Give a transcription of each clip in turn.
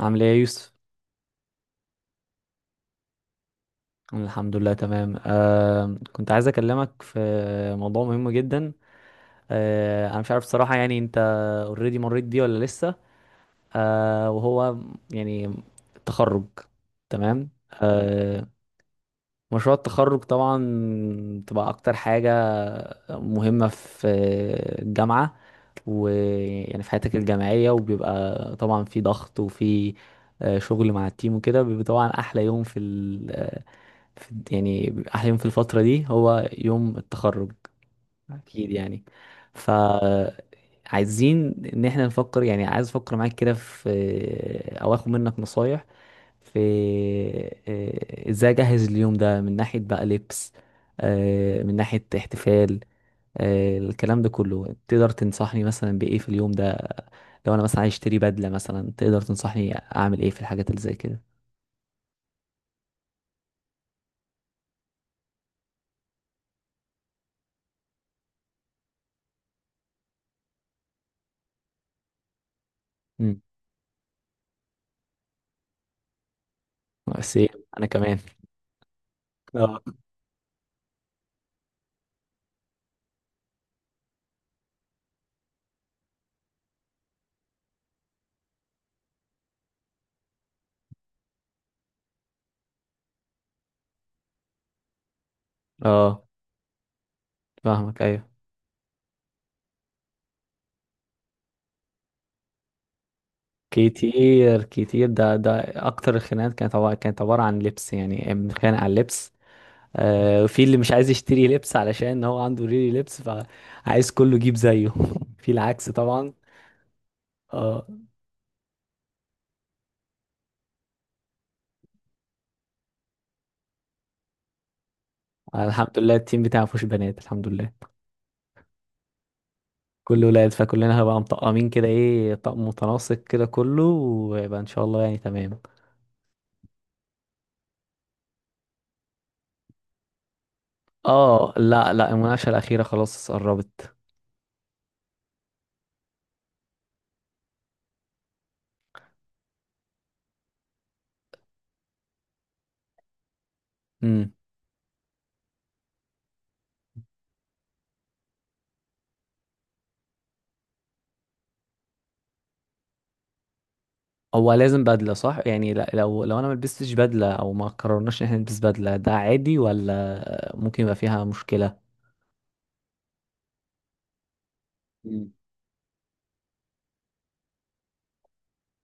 عامل ايه يا يوسف؟ أنا الحمد لله تمام. كنت عايز اكلمك في موضوع مهم جدا. انا مش عارف الصراحة، يعني انت اوريدي مريت بيه ولا لسه؟ وهو يعني التخرج تمام. مشروع التخرج طبعا تبقى اكتر حاجة مهمة في الجامعة، ويعني في حياتك الجامعية، وبيبقى طبعا في ضغط وفي شغل مع التيم وكده. بيبقى طبعا احلى يوم في ال آه، في الد- يعني بيبقى احلى يوم في الفترة دي هو يوم التخرج، اكيد يعني. ف عايزين ان احنا نفكر، يعني عايز افكر معاك كده في، او اخد منك نصايح في، ازاي اجهز اليوم ده، من ناحية بقى لبس، من ناحية احتفال، الكلام ده كله. تقدر تنصحني مثلا بإيه في اليوم ده؟ لو انا مثلا عايز اشتري بدلة مثلا، تقدر تنصحني اعمل ايه في الحاجات اللي زي كده؟ امم. سيم، انا كمان. اه اه، فاهمك ايوه. كتير كتير، ده اكتر الخناقات كانت، عبارة عن لبس، يعني بنتخانق على اللبس. وفي اللي مش عايز يشتري لبس علشان هو عنده ريلي لبس، فعايز كله يجيب زيه. في العكس طبعا. اه، الحمد لله التيم بتاعي مفيهوش بنات، الحمد لله كله ولاد، فكلنا هبقى مطقمين كده، ايه، طقم متناسق كده كله، ويبقى ان شاء الله يعني تمام. اه لا لا، المناقشة الأخيرة خلاص قربت. امم. هو لازم بدلة صح، يعني لو انا ما لبستش بدلة، او ما قررناش ان احنا نلبس بدلة، ده عادي ولا ممكن يبقى فيها مشكلة؟ امم.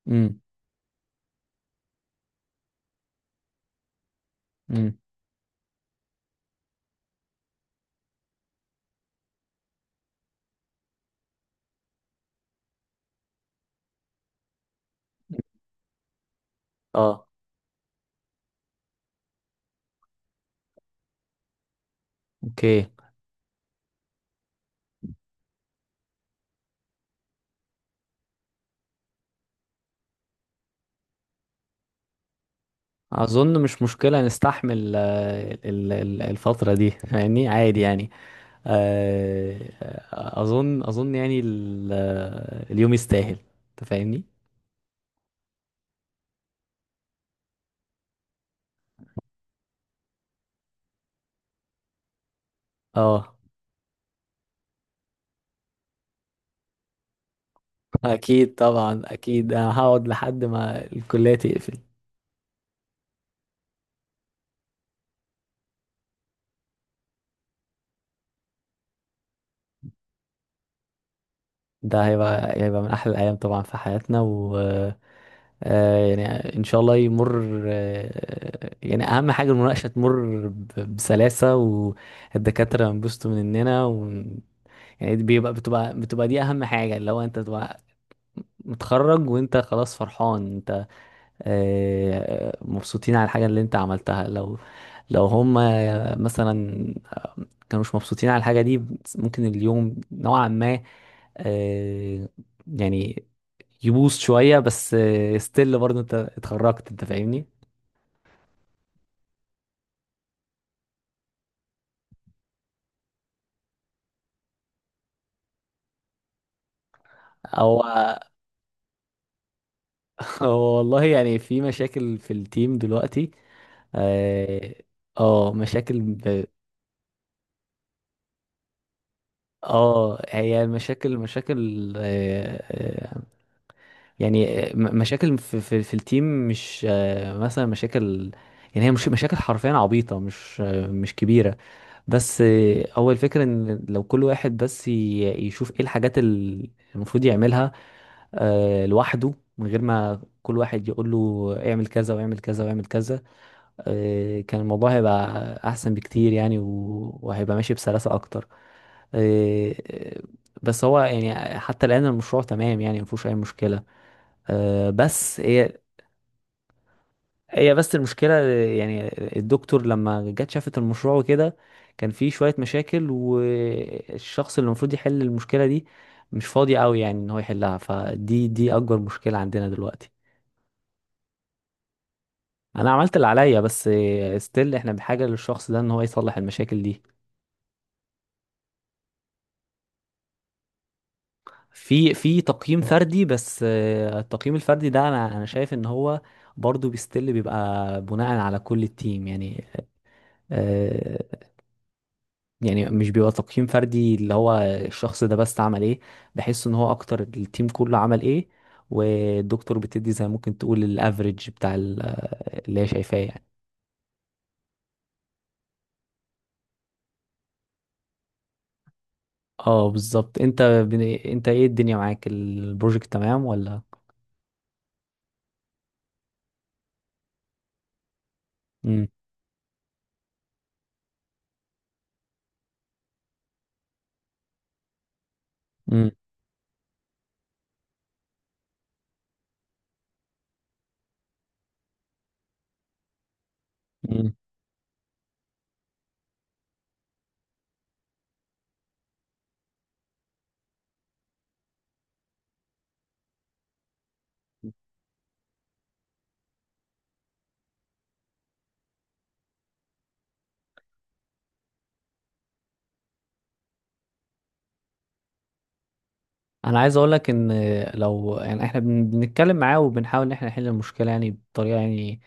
امم. امم. اه. اوكي. اظن مش مشكله نستحمل الفتره دي، يعني عادي يعني. اظن يعني اليوم يستاهل، انت فاهمني. اه اكيد طبعا، اكيد انا هقعد لحد ما الكليه تقفل. ده هيبقى من احلى الايام طبعا في حياتنا، و يعني ان شاء الله يمر، يعني اهم حاجه المناقشه تمر بسلاسه والدكاتره ينبسطوا مننا، يعني دي بيبقى بتبقى بتبقى دي اهم حاجه، اللي هو انت تبقى متخرج، وانت خلاص فرحان، انت مبسوطين على الحاجه اللي انت عملتها. لو هم مثلا كانوش مبسوطين على الحاجه دي، ممكن اليوم نوعا ما آه، يعني يبوظ شويه، بس ستيل برضه انت اتخرجت، انت فاهمني. او هو والله يعني في مشاكل في التيم دلوقتي. اه. مشاكل. اه، هي المشاكل مشاكل، يعني مشاكل في التيم، مش مثلا مشاكل، يعني هي مش مشاكل حرفيا عبيطة، مش مش كبيرة. بس هو الفكرة ان لو كل واحد بس يشوف ايه الحاجات اللي المفروض يعملها لوحده، من غير ما كل واحد يقول له اعمل كذا واعمل كذا واعمل كذا، كان الموضوع هيبقى احسن بكتير، يعني وهيبقى ماشي بسلاسة اكتر. آه، آه، بس هو يعني حتى الان المشروع تمام يعني مفيهوش اي مشكلة. آه، بس هي هي بس المشكلة يعني الدكتور لما جت شافت المشروع وكده، كان فيه شوية مشاكل، والشخص اللي المفروض يحل المشكلة دي مش فاضي قوي يعني ان هو يحلها، فدي اكبر مشكلة عندنا دلوقتي. انا عملت اللي عليا، بس ستيل احنا بحاجة للشخص ده ان هو يصلح المشاكل دي. في تقييم فردي، بس التقييم الفردي ده، انا شايف ان هو برضه بيستل، بيبقى بناء على كل التيم يعني. آه، يعني مش بيبقى تقييم فردي اللي هو الشخص ده بس عمل ايه، بحس ان هو اكتر التيم كله عمل ايه، والدكتور بتدي زي ممكن تقول الافريج بتاع اللي هي شايفاه يعني. اه بالظبط. انت انت ايه، الدنيا معاك البروجكت تمام ولا؟ امم. انا عايز اقول لك ان لو يعني احنا بنتكلم معاه وبنحاول ان احنا نحل المشكله، يعني بطريقه يعني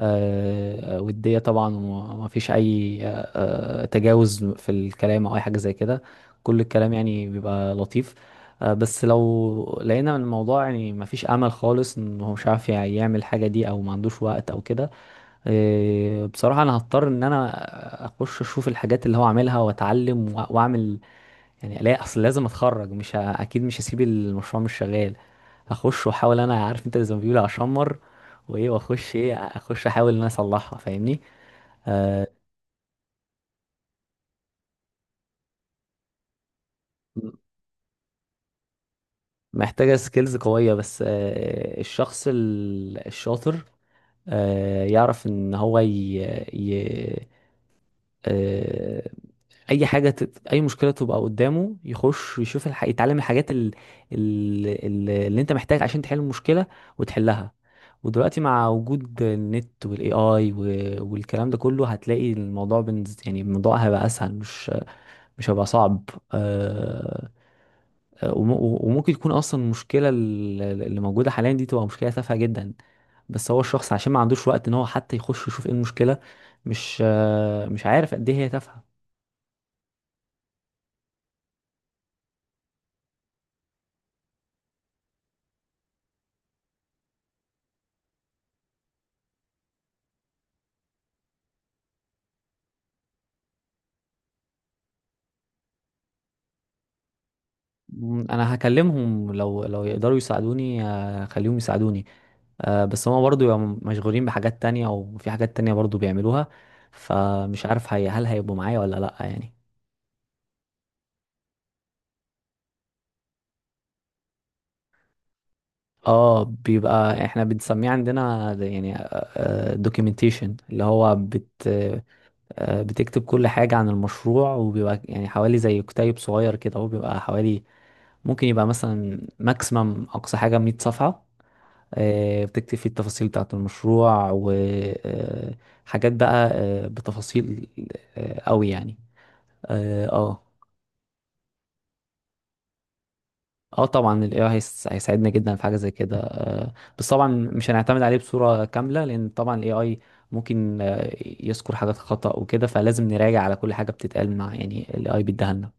وديه طبعا، وما فيش اي تجاوز في الكلام او اي حاجه زي كده، كل الكلام يعني بيبقى لطيف. بس لو لقينا ان الموضوع يعني ما فيش امل خالص، ان هو مش عارف يعني يعمل حاجه دي، او ما عندوش وقت او كده، بصراحه انا هضطر ان انا اخش اشوف الحاجات اللي هو عاملها، واتعلم واعمل، يعني الاقي، اصل لازم اتخرج، مش ه... اكيد مش هسيب المشروع مش شغال، هخش واحاول، انا عارف انت زي ما بيقولوا اشمر، وايه واخش، ايه اخش احاول ان انا اصلحها، فاهمني. آه، محتاجة سكيلز قوية، بس الشخص الشاطر يعرف ان هو ي... ي... آه، اي اي مشكله تبقى قدامه يخش يشوف يتعلم الحاجات اللي انت محتاج عشان تحل المشكله وتحلها. ودلوقتي مع وجود النت والاي اي والكلام ده كله، هتلاقي الموضوع يعني الموضوع هيبقى اسهل، مش هيبقى صعب. آه، وم- وممكن تكون اصلا المشكله اللي موجوده حاليا دي تبقى مشكله تافهه جدا، بس هو الشخص عشان ما عندوش وقت ان هو حتى يخش يشوف ايه المشكله، مش مش عارف قد ايه هي تافهه. مم، انا هكلمهم، لو يقدروا يساعدوني خليهم يساعدوني. بس هما برضو يبقوا مشغولين بحاجات تانية، او في حاجات تانية برضو بيعملوها، فمش عارف هي، هل هيبقوا معايا ولا لا يعني. اه بيبقى، احنا بنسميه عندنا ده يعني دوكيومنتيشن، اللي هو بت آه، بتكتب كل حاجة عن المشروع، وبيبقى يعني حوالي زي كتيب صغير كده، هو بيبقى حوالي، ممكن يبقى مثلا ماكسيمم اقصى حاجة 100 صفحة. بتكتب فيه التفاصيل بتاعة المشروع، وحاجات بقى بتفاصيل قوي يعني. اه اه. آه طبعا ال AI هيساعدنا جدا في حاجة زي كده، بس طبعا مش هنعتمد عليه بصورة كاملة، لأن طبعا ال AI ممكن يذكر حاجات خطأ وكده، فلازم نراجع على كل حاجة بتتقال مع، يعني ال AI بيديها لنا.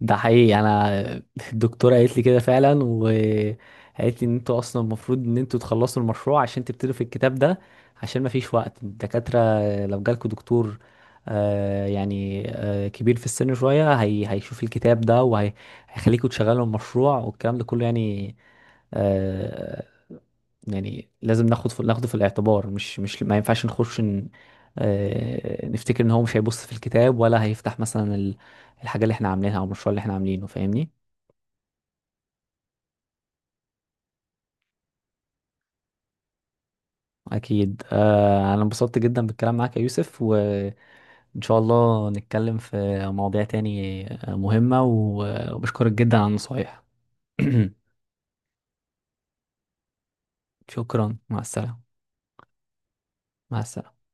ده حقيقي، انا الدكتوره قالت لي كده فعلا، وقالت لي ان انتوا اصلا المفروض ان انتوا تخلصوا المشروع عشان تبتدوا في الكتاب ده، عشان ما فيش وقت. الدكاتره لو جالكوا دكتور آه يعني آه كبير في السن شويه، هي هيشوف الكتاب ده، وهيخليكوا تشغلوا المشروع والكلام ده كله يعني آه، يعني لازم ناخد في في الاعتبار، مش مش ما ينفعش نخش ن... آه، نفتكر ان هو مش هيبص في الكتاب، ولا هيفتح مثلا الحاجة اللي احنا عاملينها، او المشروع اللي احنا عاملينه، فاهمني. اكيد. انا انبسطت جدا بالكلام معاك يا يوسف، وان شاء الله نتكلم في مواضيع تاني مهمة، وبشكرك جدا على النصايح. شكرا، مع السلامة. مع السلامة.